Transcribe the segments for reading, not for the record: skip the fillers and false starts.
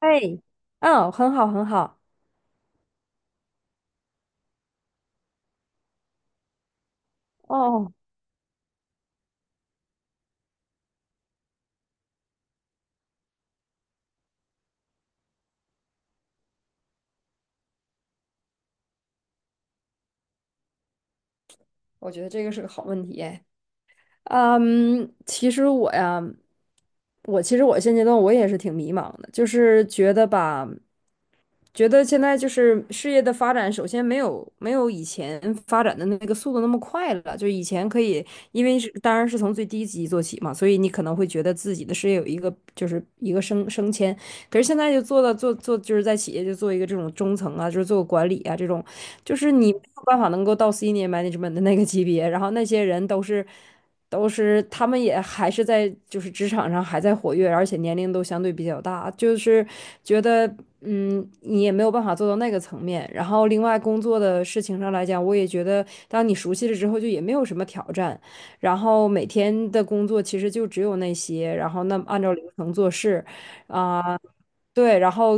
哎，嗯，很好，很好。哦，我觉得这个是个好问题哎。其实我其实现阶段我也是挺迷茫的，就是觉得吧，觉得现在就是事业的发展，首先没有以前发展的那个速度那么快了。就以前可以，因为是当然是从最低级做起嘛，所以你可能会觉得自己的事业有一个就是一个升迁。可是现在就做到做就是在企业就做一个这种中层啊，就是做管理啊这种，就是你没有办法能够到 senior management 的那个级别，然后那些人都是。都是他们也还是在就是职场上还在活跃，而且年龄都相对比较大，就是觉得你也没有办法做到那个层面。然后另外工作的事情上来讲，我也觉得当你熟悉了之后，就也没有什么挑战。然后每天的工作其实就只有那些，然后那按照流程做事，啊、对，然后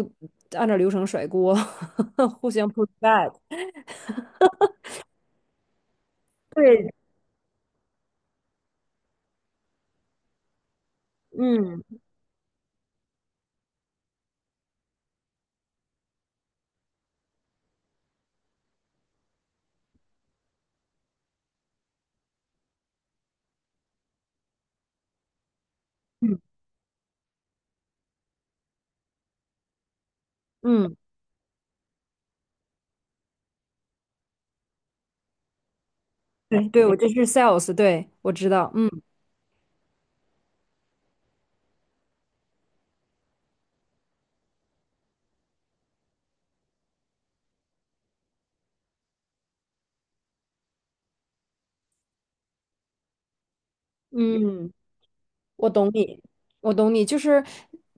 按照流程甩锅，互相 push back。对，嗯嗯嗯，对对，我这是 sales,对，我知道，嗯。嗯，我懂你，我懂你。就是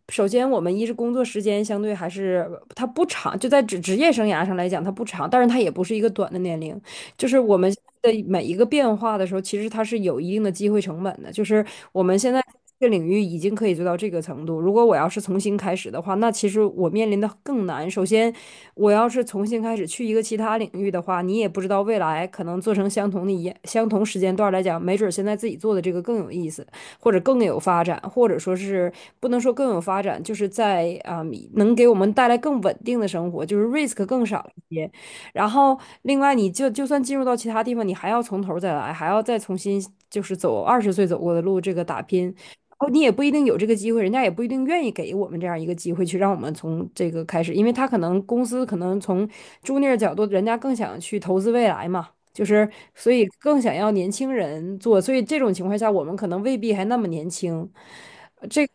首先，我们一是工作时间相对还是它不长，就在职业生涯上来讲，它不长，但是它也不是一个短的年龄。就是我们现在的每一个变化的时候，其实它是有一定的机会成本的。就是我们现在这个领域已经可以做到这个程度，如果我要是重新开始的话，那其实我面临的更难。首先，我要是重新开始去一个其他领域的话，你也不知道未来可能做成相同时间段来讲，没准儿现在自己做的这个更有意思。或者更有发展，或者说是不能说更有发展，就是在能给我们带来更稳定的生活，就是 risk 更少一些。然后另外，你就就算进入到其他地方，你还要从头再来，还要再重新就是走二十岁走过的路，这个打拼。然后你也不一定有这个机会，人家也不一定愿意给我们这样一个机会去让我们从这个开始，因为他可能公司可能从 junior 角度，人家更想去投资未来嘛。就是，所以更想要年轻人做，所以这种情况下，我们可能未必还那么年轻。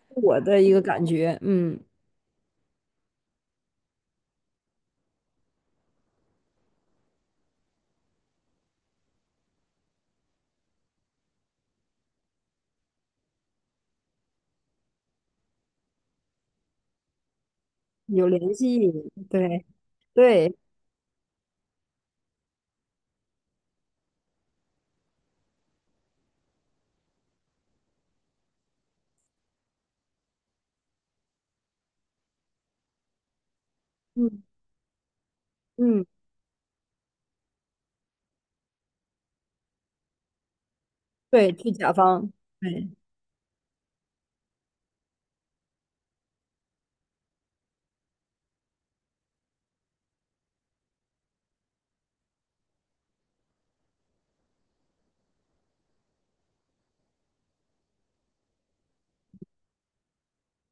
我的一个感觉，嗯，有联系，对对，嗯嗯，对，去甲方，对，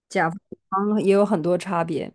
甲方也有很多差别。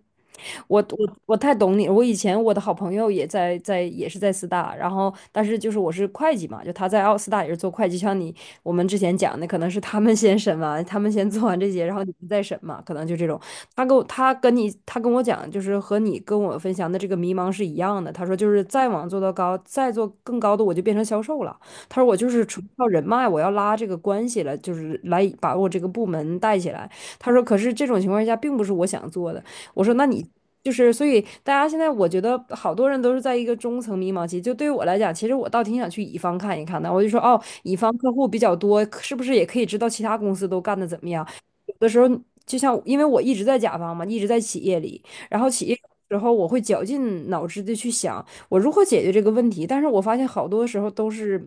我太懂你，我以前我的好朋友也也是在四大，然后但是就是我是会计嘛，就他在奥斯大也是做会计，像你我们之前讲的，可能是他们先审完，他们先做完这些，然后你们再审嘛，可能就这种。他跟我讲，就是和你跟我分享的这个迷茫是一样的。他说就是再往做到高，再做更高的，我就变成销售了。他说我就是纯靠人脉，我要拉这个关系了，就是来把我这个部门带起来。他说可是这种情况下并不是我想做的。我说那你就是，所以大家现在我觉得好多人都是在一个中层迷茫期。就对于我来讲，其实我倒挺想去乙方看一看的。我就说哦，乙方客户比较多，是不是也可以知道其他公司都干的怎么样？有的时候就像，因为我一直在甲方嘛，一直在企业里，然后企业有时候我会绞尽脑汁的去想我如何解决这个问题，但是我发现好多时候都是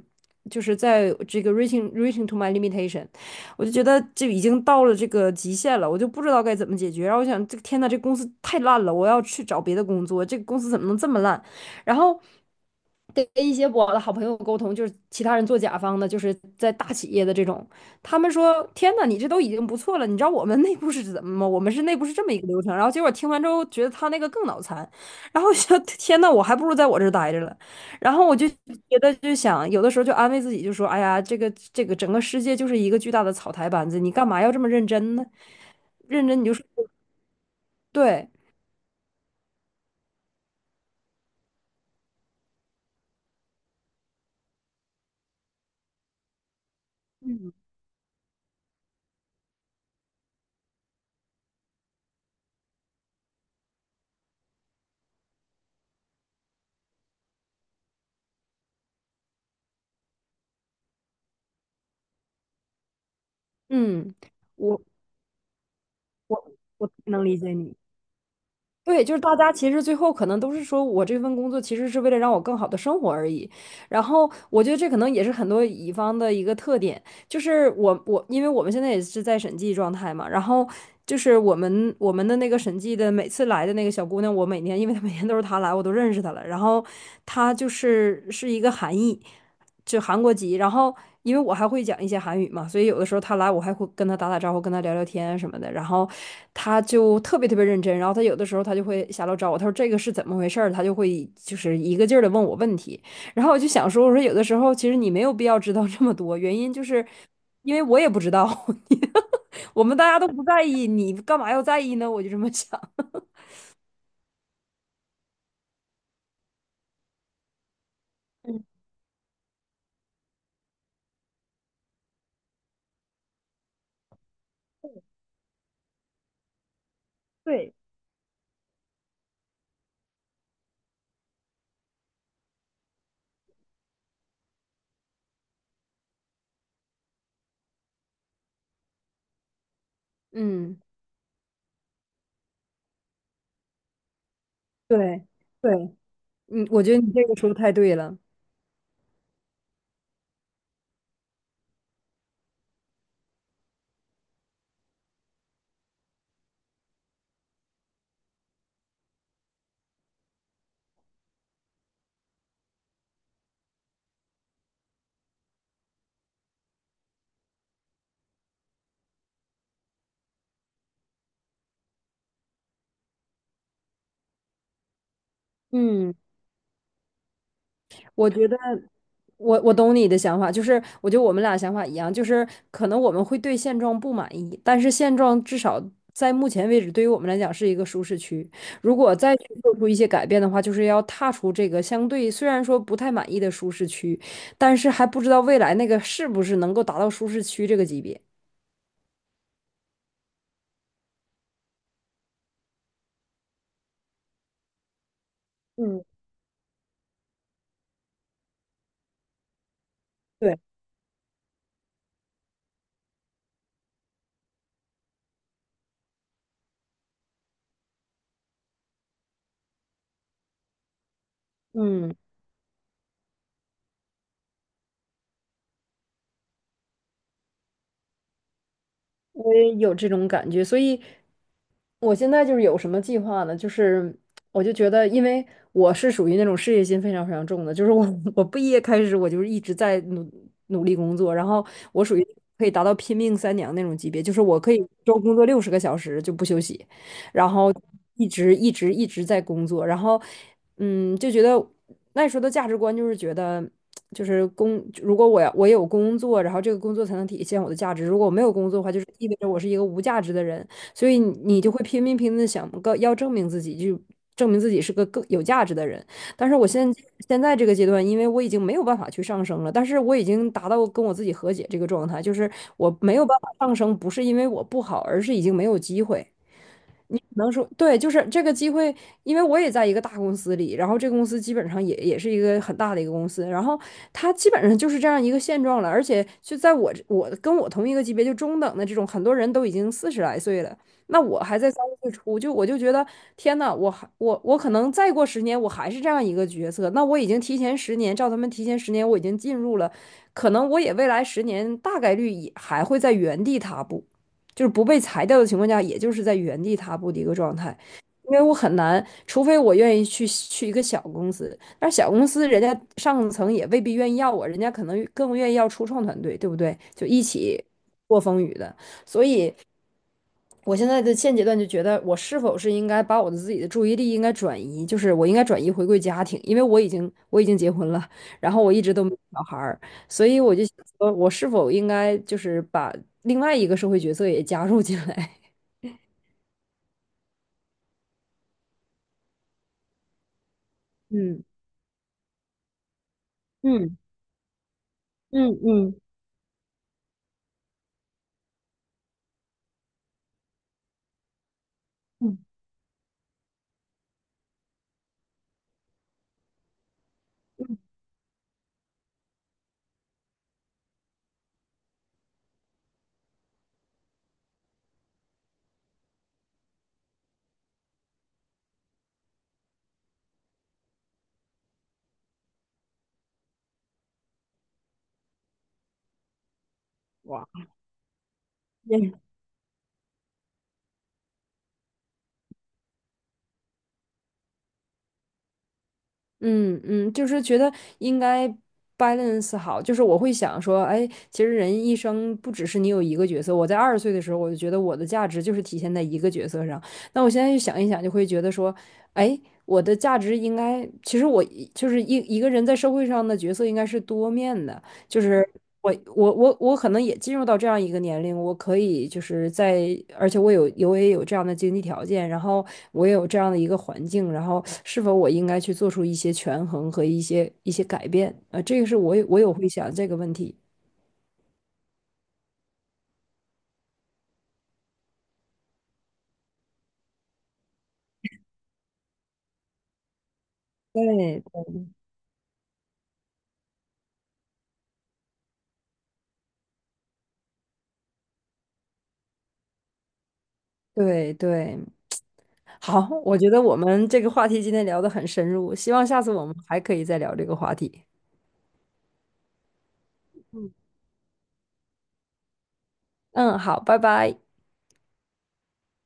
就是在这个 reaching to my limitation,我就觉得这已经到了这个极限了，我就不知道该怎么解决。然后我想，这个天呐，这公司太烂了，我要去找别的工作，这个公司怎么能这么烂？然后。跟一些我的好朋友沟通，就是其他人做甲方的，就是在大企业的这种，他们说："天呐，你这都已经不错了，你知道我们内部是怎么吗？我们是内部是这么一个流程。"然后结果听完之后，觉得他那个更脑残，然后想： 天呐，我还不如在我这儿待着了。"然后我就觉得就想，有的时候就安慰自己，就说："哎呀，这个这个整个世界就是一个巨大的草台班子，你干嘛要这么认真呢？认真你就说对，嗯嗯，我我我能理解你。"对，就是大家其实最后可能都是说我这份工作其实是为了让我更好的生活而已，然后我觉得这可能也是很多乙方的一个特点。就是我我，因为我们现在也是在审计状态嘛，然后就是我们的那个审计的每次来的那个小姑娘，我每年因为她每年都是她来，我都认识她了。然后她就是是一个韩裔，就韩国籍。然后因为我还会讲一些韩语嘛，所以有的时候她来，我还会跟她打打招呼，跟她聊聊天什么的。然后她就特别特别认真，然后她有的时候她就会下楼找我，她说这个是怎么回事儿，她就会就是一个劲儿的问我问题。然后我就想说，我说有的时候其实你没有必要知道这么多，原因就是因为我也不知道，我们大家都不在意，你干嘛要在意呢？我就这么想。对，嗯，对，对，嗯，我觉得你这个说的太对了。嗯。我觉得我懂你的想法，就是我觉得我们俩想法一样，就是可能我们会对现状不满意，但是现状至少在目前为止，对于我们来讲是一个舒适区。如果再去做出一些改变的话，就是要踏出这个相对虽然说不太满意的舒适区，但是还不知道未来那个是不是能够达到舒适区这个级别。嗯，对，嗯，我也有这种感觉，所以。我现在就是有什么计划呢？就是我就觉得，因为我是属于那种事业心非常非常重的，就是我 我毕业开始我就是一直在努力工作，然后我属于可以达到拼命三娘那种级别，就是我可以一周工作60个小时就不休息，然后一直一直一直在工作，然后就觉得那时候的价值观就是觉得。就是工，如果我要我有工作，然后这个工作才能体现我的价值。如果我没有工作的话，就是意味着我是一个无价值的人。所以你就会拼命拼命的想个要证明自己，就证明自己是个更有价值的人。但是我现在这个阶段，因为我已经没有办法去上升了，但是我已经达到跟我自己和解这个状态，就是我没有办法上升，不是因为我不好，而是已经没有机会。你可能说对，就是这个机会，因为我也在一个大公司里，然后这个公司基本上也是一个很大的一个公司，然后它基本上就是这样一个现状了，而且就在我这我跟我同一个级别就中等的这种，很多人都已经40来岁了，那我还在30岁初，就我就觉得天呐，我还我我可能再过十年我还是这样一个角色，那我已经提前十年，照他们提前十年我已经进入了，可能我也未来十年大概率也还会在原地踏步。就是不被裁掉的情况下，也就是在原地踏步的一个状态。因为我很难，除非我愿意去一个小公司，但是小公司人家上层也未必愿意要我，人家可能更愿意要初创团队，对不对？就一起过风雨的，所以我现在的现阶段就觉得，我是否是应该把我的自己的注意力应该转移，就是我应该转移回归家庭，因为我已经结婚了，然后我一直都没有小孩儿，所以我就想说，我是否应该就是把另外一个社会角色也加入进来？嗯嗯嗯嗯嗯，哇，嗯嗯，就是觉得应该 balance 好，就是我会想说，哎，其实人一生不只是你有一个角色。我在二十岁的时候，我就觉得我的价值就是体现在一个角色上。那我现在就想一想，就会觉得说，哎，我的价值应该，其实我一就是一一个人在社会上的角色应该是多面的。就是我可能也进入到这样一个年龄，我可以就是在，而且我也有这样的经济条件，然后我也有这样的一个环境，然后是否我应该去做出一些权衡和一些改变？啊，这个是我会想这个问题。对对对，好，我觉得我们这个话题今天聊得很深入，希望下次我们还可以再聊这个话题。嗯，好，拜拜。